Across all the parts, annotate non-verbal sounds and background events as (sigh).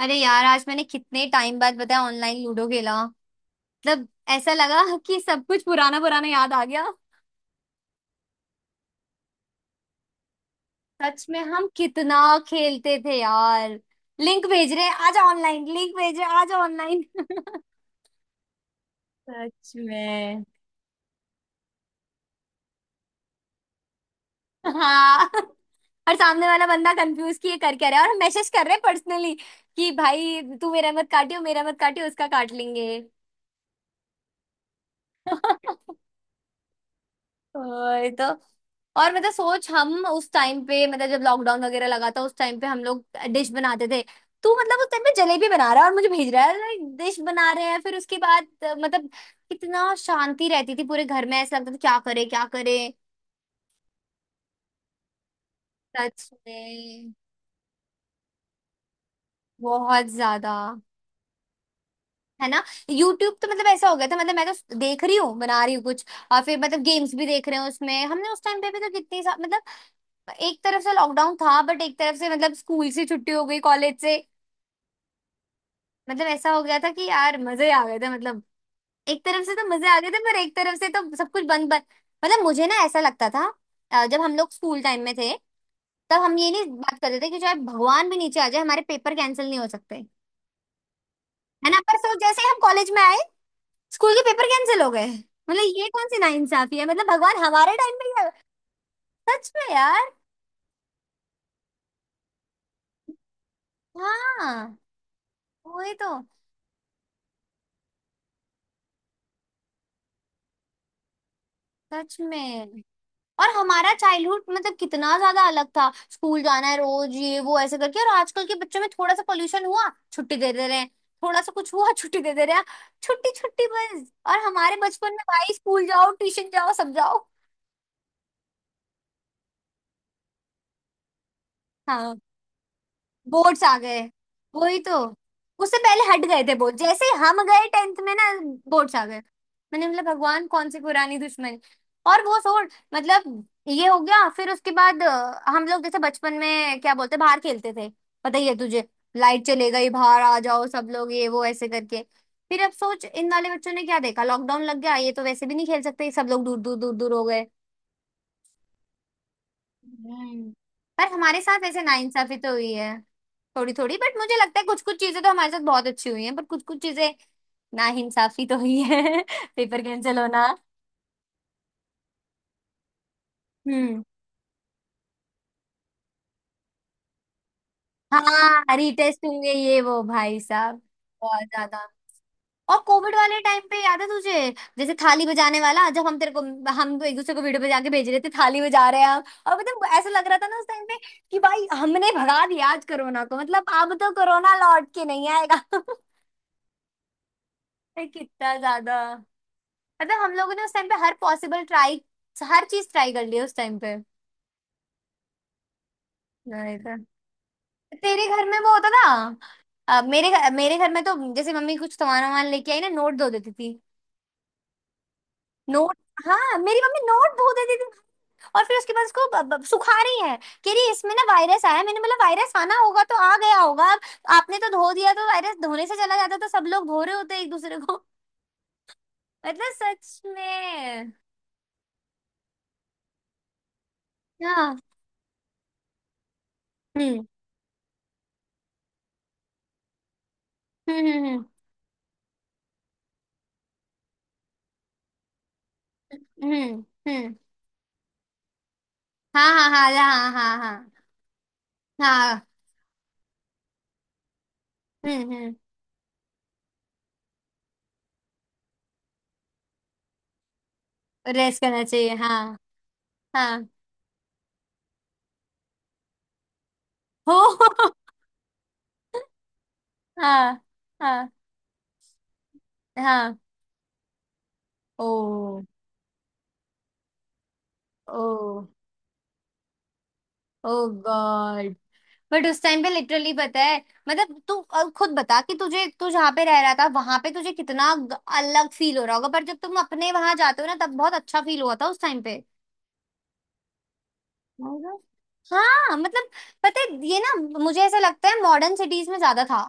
अरे यार आज मैंने कितने टाइम बाद बताया ऑनलाइन लूडो खेला। मतलब ऐसा लगा कि सब कुछ पुराना पुराना याद आ गया। सच में हम कितना खेलते थे यार। लिंक भेज रहे हैं आज ऑनलाइन लिंक भेज रहे हैं आज ऑनलाइन (laughs) सच में। हाँ और सामने वाला बंदा कंफ्यूज कि ये कर क्या रहा है और हम मैसेज कर रहे हैं पर्सनली कि भाई तू मेरा मत काटियो उसका काट लेंगे। (laughs) वही तो। और मतलब सोच हम उस टाइम पे मतलब जब लॉकडाउन वगैरह लगा था उस टाइम पे हम लोग डिश बनाते थे। तू मतलब उस टाइम पे जलेबी बना रहा है और मुझे भेज रहा है डिश बना रहे हैं फिर उसके बाद मतलब कितना शांति रहती थी पूरे घर में। ऐसा लगता था क्या करे क्या करे। सच में। बहुत ज्यादा। है ना। यूट्यूब तो मतलब ऐसा हो गया था मतलब मैं तो देख रही हूँ बना रही हूँ कुछ और फिर मतलब गेम्स भी देख रहे हैं उसमें हमने उस टाइम पे भी तो कितनी मतलब एक तरफ से लॉकडाउन था बट एक तरफ से मतलब स्कूल से छुट्टी हो गई कॉलेज से। मतलब ऐसा हो गया था कि यार मजे आ गए थे मतलब एक तरफ से तो मजे आ गए थे पर एक तरफ से तो सब कुछ बंद बंद। मतलब मुझे ना ऐसा लगता था जब हम लोग स्कूल टाइम में थे तब हम ये नहीं बात करते थे कि चाहे भगवान भी नीचे आ जाए हमारे पेपर कैंसिल नहीं हो सकते है ना। पर सोच जैसे ही हम कॉलेज में आए स्कूल के पेपर कैंसिल हो गए। मतलब ये कौन सी नाइंसाफी है मतलब भगवान हमारे टाइम पे ही है। सच में यार। हाँ वही तो। सच में और हमारा चाइल्डहुड मतलब कितना ज्यादा अलग था स्कूल जाना है रोज ये वो ऐसे करके और आजकल के बच्चों में थोड़ा सा पोल्यूशन हुआ छुट्टी दे दे रहे हैं। थोड़ा सा कुछ हुआ (laughs) छुट्टी दे दे रहे हैं। छुट्टी छुट्टी बस और हमारे बचपन में भाई स्कूल जाओ ट्यूशन जाओ सब जाओ। हाँ बोर्ड्स आ गए। वही तो। उससे पहले हट गए थे बोर्ड जैसे ही हम गए टेंथ में ना बोर्ड्स आ गए। मैंने मतलब भगवान कौन सी पुरानी दुश्मनी। और वो छोड़ मतलब ये हो गया फिर उसके बाद हम लोग जैसे बचपन में क्या बोलते बाहर खेलते थे पता ही है तुझे। लाइट चले गई बाहर आ जाओ सब लोग ये वो ऐसे करके। फिर अब सोच इन वाले बच्चों ने क्या देखा लॉकडाउन लग गया ये तो वैसे भी नहीं खेल सकते सब लोग दूर दूर दूर दूर हो गए। हम्म। पर हमारे साथ ऐसे नाइंसाफी तो हुई है थोड़ी थोड़ी बट मुझे लगता है कुछ कुछ चीजें तो हमारे साथ बहुत अच्छी हुई हैं पर कुछ कुछ चीजें नाइंसाफी तो हुई है (laughs) पेपर कैंसिल होना। हम्म। हाँ रीटेस्ट होंगे ये वो भाई साहब। बहुत ज्यादा। और कोविड वाले टाइम पे याद है तुझे जैसे थाली बजाने वाला जब हम तेरे को हम एक दूसरे को वीडियो बजा के भेज रहे थे थाली बजा रहे हैं हम और मतलब ऐसा लग रहा था ना उस टाइम पे कि भाई हमने भगा दिया आज कोरोना को मतलब अब तो कोरोना लौट के नहीं आएगा। (laughs) अरे कितना ज्यादा। मतलब हम लोगों ने उस टाइम पे हर पॉसिबल ट्राई हर चीज ट्राई कर ली है उस टाइम पे। नहीं तो। तेरे घर में वो होता था मेरे घर में तो जैसे मम्मी कुछ सामान वामान लेके आई ना नोट धो देती थी। नोट। हाँ मेरी मम्मी नोट धो देती थी। और फिर उसके बाद उसको सुखा रही है। कह रही इसमें ना वायरस आया है। मैंने बोला वायरस आना होगा तो आ गया होगा अब आपने तो धो दिया तो वायरस धोने से चला जाता तो सब लोग धो रहे होते एक दूसरे को। मतलब सच में। हाँ। हम्म हम्म। हम्म। हाँ हाँ हाँ हाँ हाँ हाँ। हाँ हाँ। हम्म। रेस करना चाहिए हाँ। हाँ हो। (laughs) हाँ हाँ हाँ। Oh oh oh god. But उस टाइम पे लिटरली पता है मतलब तू अब खुद बता कि तुझे तू जहाँ पे रह रहा था वहां पे तुझे कितना अलग फील हो रहा होगा पर जब तुम अपने वहां जाते हो ना तब बहुत अच्छा फील हुआ था उस टाइम पे। हाँ मतलब पता है ये ना मुझे ऐसा लगता है मॉडर्न सिटीज में ज्यादा था।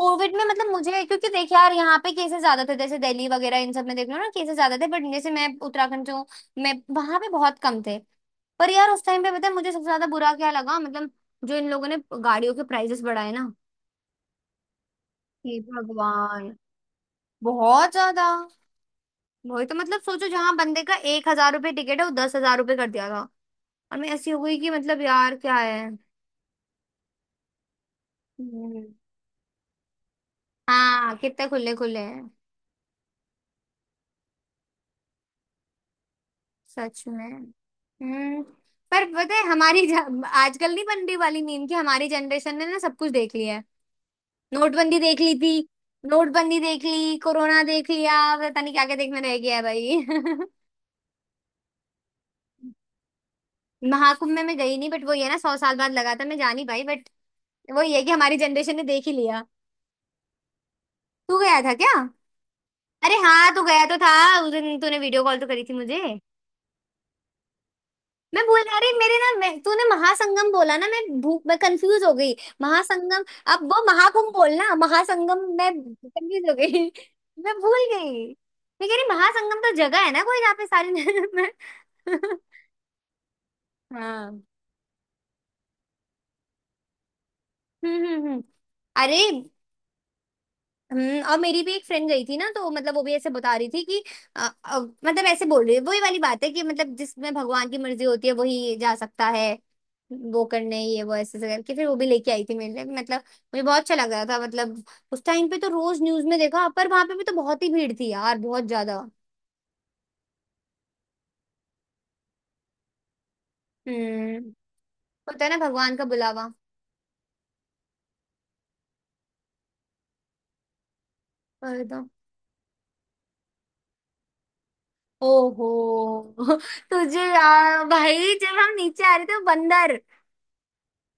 कोविड में मतलब मुझे क्योंकि देख यार यहाँ पे केसेस ज्यादा थे जैसे दिल्ली वगैरह इन सब में देख लो ना केसेस ज्यादा थे बट जैसे मैं उत्तराखंड जो मैं वहां पे बहुत कम थे। पर यार उस टाइम पे पता है मुझे सबसे ज्यादा बुरा क्या लगा मतलब जो इन लोगों ने गाड़ियों के प्राइसेस बढ़ाए ना। हे भगवान। बहुत ज्यादा। वही तो मतलब सोचो जहां बंदे का एक हजार रुपये टिकट है वो दस हजार रुपये कर दिया था। और मैं ऐसी हो गई कि मतलब यार क्या है। हम्म। हाँ कितने खुले खुले हैं। सच में। हम्म। पर पता है हमारी आजकल नहीं बन रही वाली मीम कि हमारी जनरेशन ने ना सब कुछ देख लिया है। नोटबंदी देख ली थी। नोटबंदी देख ली कोरोना देख लिया पता नहीं क्या क्या देखने रह गया है भाई। (laughs) महाकुंभ में मैं गई नहीं बट वो ये ना सौ साल बाद लगा था मैं जानी भाई बट वो ये है कि हमारी जनरेशन ने देख ही लिया। तू गया था क्या। अरे हाँ तू गया तो था। उस दिन तूने वीडियो कॉल तो करी थी मुझे। मैं बोल रहा, अरे मेरे ना मैं तूने महासंगम बोला ना मैं भूख मैं कंफ्यूज हो गई। महासंगम। अब वो महाकुंभ बोलना महासंगम मैं कंफ्यूज हो गई। (laughs) मैं भूल गई। मैं कह रही महासंगम तो जगह है ना कोई जहाँ पे सारी (laughs) मैं। हाँ। हम्म। अरे। और मेरी भी एक फ्रेंड गई थी ना तो मतलब वो भी ऐसे बता रही थी कि मतलब ऐसे बोल रही है वही वाली बात है कि मतलब जिसमें भगवान की मर्जी होती है वही जा सकता है। वो करने ये वो ऐसे ऐसे करके फिर वो भी लेके आई थी मेरे लिए मतलब मुझे बहुत अच्छा लग रहा था मतलब उस टाइम पे तो रोज न्यूज में देखा पर वहां पे भी तो बहुत ही भीड़ थी यार बहुत ज्यादा। हम्म। होता है ना भगवान का बुलावा। पर तो। ओहो। (laughs) तुझे यार भाई जब हम नीचे आ रहे थे वो बंदर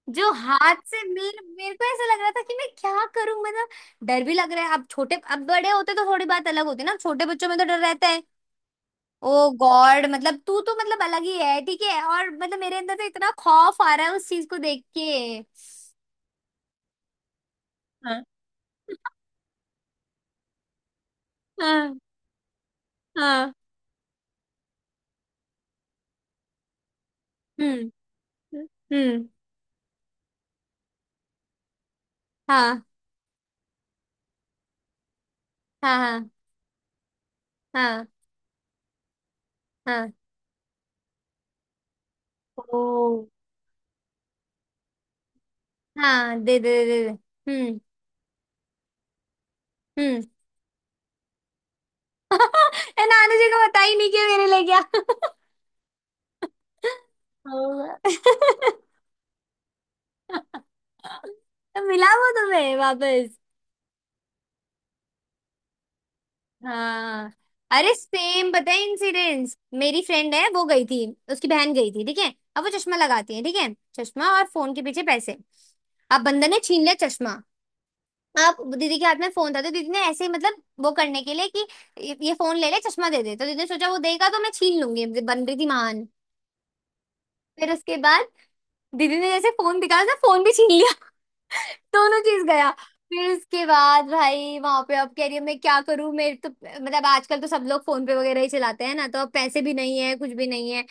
जो हाथ से मेरे मेरे को ऐसा लग रहा था कि मैं क्या करूं मतलब डर भी लग रहा है अब छोटे अब बड़े होते तो थोड़ी बात अलग होती है ना छोटे बच्चों में तो डर रहता है। ओ गॉड मतलब तू तो मतलब अलग ही है ठीक है और मतलब मेरे अंदर तो इतना खौफ आ रहा है उस चीज को देख के। हाँ हाँ हाँ। हम्म हम्म। हाँ हाँ हाँ हाँ हाँ। ओ। हाँ दे दे दे दे दे। हम्म हम्म। (laughs) ये नानी जी को बता ही नहीं कि मेरे लिए क्या। (laughs) हाँ। (laughs) तो मिला वो तुम्हें वापस। हाँ अरे सेम पता है इंसिडेंस। मेरी फ्रेंड है वो गई थी। उसकी बहन गई थी ठीक है अब वो चश्मा लगाती है ठीक है। चश्मा और फोन के पीछे पैसे। अब बंदर ने छीन लिया चश्मा। अब दीदी के हाथ में फोन था तो दीदी ने ऐसे ही मतलब वो करने के लिए कि ये फोन ले ले चश्मा दे दे तो दीदी ने सोचा वो देगा तो मैं छीन लूंगी बन रही थी महान। फिर उसके बाद दीदी ने जैसे फोन दिखाया तो फोन भी छीन लिया। दोनों चीज गया। फिर उसके बाद भाई वहां पे अब कह रही है मैं क्या करूं मेरे तो मतलब आजकल तो सब लोग फोन पे वगैरह ही चलाते हैं ना तो अब पैसे भी नहीं है कुछ भी नहीं है।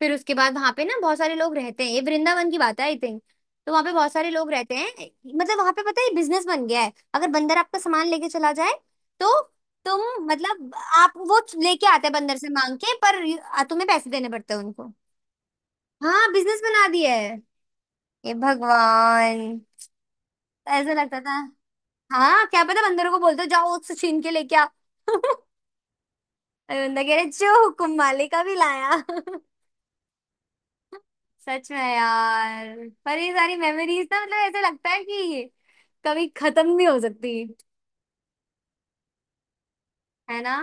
फिर उसके बाद वहां पे ना बहुत सारे लोग रहते हैं ये वृंदावन की बात है आई थिंक। तो वहां पे बहुत सारे लोग रहते हैं मतलब वहां पे पता है बिजनेस बन गया है अगर बंदर आपका सामान लेके चला जाए तो तुम मतलब आप वो लेके आते हैं बंदर से मांग के पर तुम्हें पैसे देने पड़ते हैं उनको। हाँ बिजनेस बना दिया है। ये भगवान। ऐसा लगता था। हाँ क्या पता बंदरों को बोलते हो जाओ उससे छीन के लेके आओ। (laughs) अरे बंदा कह रहे जो हुक्म मालिक अभी लाया। (laughs) सच में यार। पर ये सारी मेमोरीज ना मतलब ऐसा लगता है कि कभी खत्म नहीं हो सकती। है ना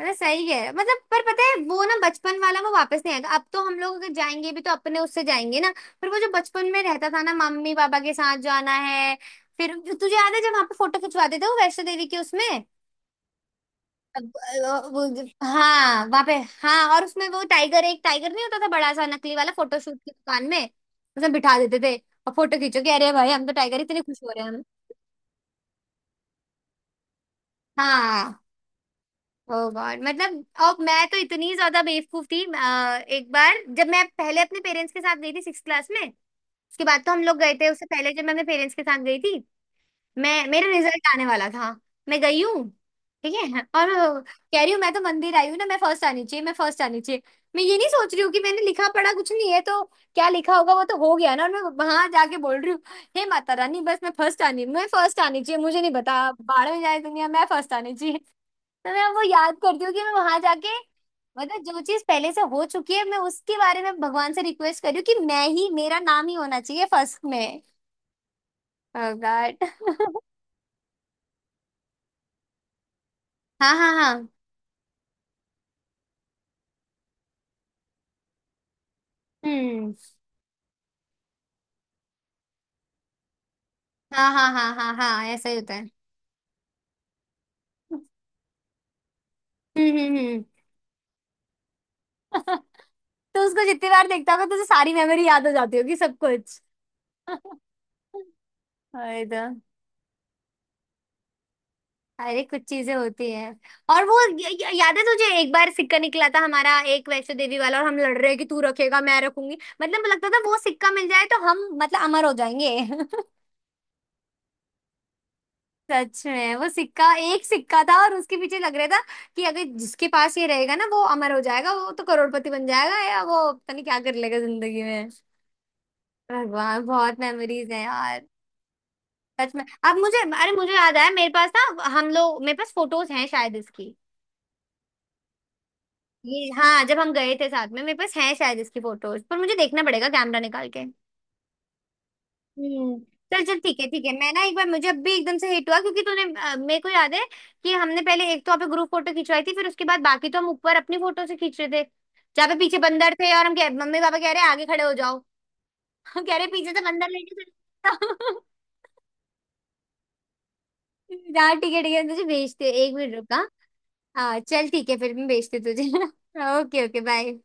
मतलब सही है मतलब पर पता है वो ना बचपन वाला वो वापस नहीं आएगा अब तो हम लोग अगर जाएंगे भी तो अपने उससे जाएंगे ना। पर वो जो बचपन में रहता था ना मम्मी पापा के साथ जाना है। फिर तुझे याद है जब वहां पे फोटो खिंचवाते थे वो वैष्णो देवी के उसमें। अब, हाँ वहां पे। हाँ और उसमें वो टाइगर एक टाइगर नहीं होता था बड़ा सा नकली वाला फोटोशूट की दुकान में उसमें बिठा देते थे। और फोटो खींचो कि अरे भाई हम तो टाइगर इतने खुश हो रहे हैं हम। हाँ। ओ गॉड मतलब और मैं तो इतनी ज्यादा बेवकूफ थी एक बार जब मैं पहले अपने पेरेंट्स के साथ गई थी सिक्स क्लास में। उसके बाद तो हम लोग गए थे उससे पहले जब मैं अपने पेरेंट्स के साथ गई थी। मैं मेरा रिजल्ट आने वाला था। मैं गई हूँ ठीक है और कह रही हूँ मैं तो मंदिर आई हूँ ना मैं फर्स्ट आनी चाहिए मैं फर्स्ट आनी चाहिए। मैं ये नहीं सोच रही हूँ कि मैंने लिखा पढ़ा कुछ नहीं है तो क्या लिखा होगा वो तो हो गया ना। और मैं वहां जाके बोल रही हूँ हे माता रानी बस मैं फर्स्ट आनी चाहिए मुझे नहीं पता बाहर में जाए दुनिया मैं फर्स्ट आनी चाहिए। तो मैं वो याद करती हूँ कि मैं वहां जाके मतलब जो चीज पहले से हो चुकी है मैं उसके बारे में भगवान से रिक्वेस्ट कर रही हूँ कि मैं ही मेरा नाम ही होना चाहिए फर्स्ट में। Oh God. (laughs) हाँ हाँ हाँ। हम्म। हाँ हाँ हाँ हाँ हाँ ऐसा ही होता है। हम्म। (laughs) तो उसको जितनी बार देखता होगा तुझे सारी मेमोरी याद हो जाती होगी सब कुछ। (laughs) अरे तो। अरे कुछ चीजें होती हैं और वो य, य, याद है तुझे एक बार सिक्का निकला था हमारा एक वैष्णो देवी वाला और हम लड़ रहे हैं कि तू रखेगा मैं रखूंगी। मतलब लगता था वो सिक्का मिल जाए तो हम मतलब अमर हो जाएंगे। (laughs) सच में वो सिक्का एक सिक्का था और उसके पीछे लग रहा था कि अगर जिसके पास ये रहेगा ना वो अमर हो जाएगा वो तो करोड़पति बन जाएगा या वो पता नहीं क्या कर लेगा जिंदगी में। भगवान बहुत मेमोरीज हैं यार। सच में। अब मुझे अरे मुझे याद आया मेरे पास ना हम लोग मेरे पास फोटोज हैं शायद इसकी। ये हाँ जब हम गए थे साथ में मेरे पास हैं शायद इसकी फोटोज पर मुझे देखना पड़ेगा कैमरा निकाल के। हम्म। चल चल ठीक है मैं ना एक बार मुझे अब भी एकदम से हिट हुआ क्योंकि तूने मेरे को याद है कि हमने पहले एक तो वहाँ पे ग्रुप फोटो खिंचवाई थी फिर उसके बाद बाकी तो हम ऊपर अपनी फोटो से खींच रहे थे जहाँ पे पीछे बंदर थे और हम कह मम्मी पापा कह रहे आगे खड़े हो जाओ। (laughs) हम कह रहे पीछे से बंदर लेके चलो। (laughs) हाँ ठीक है तुझे भेजते एक मिनट रुका। हाँ हाँ, चल ठीक है फिर मैं भेजती हूँ तुझे। (laughs) Okay okay bye.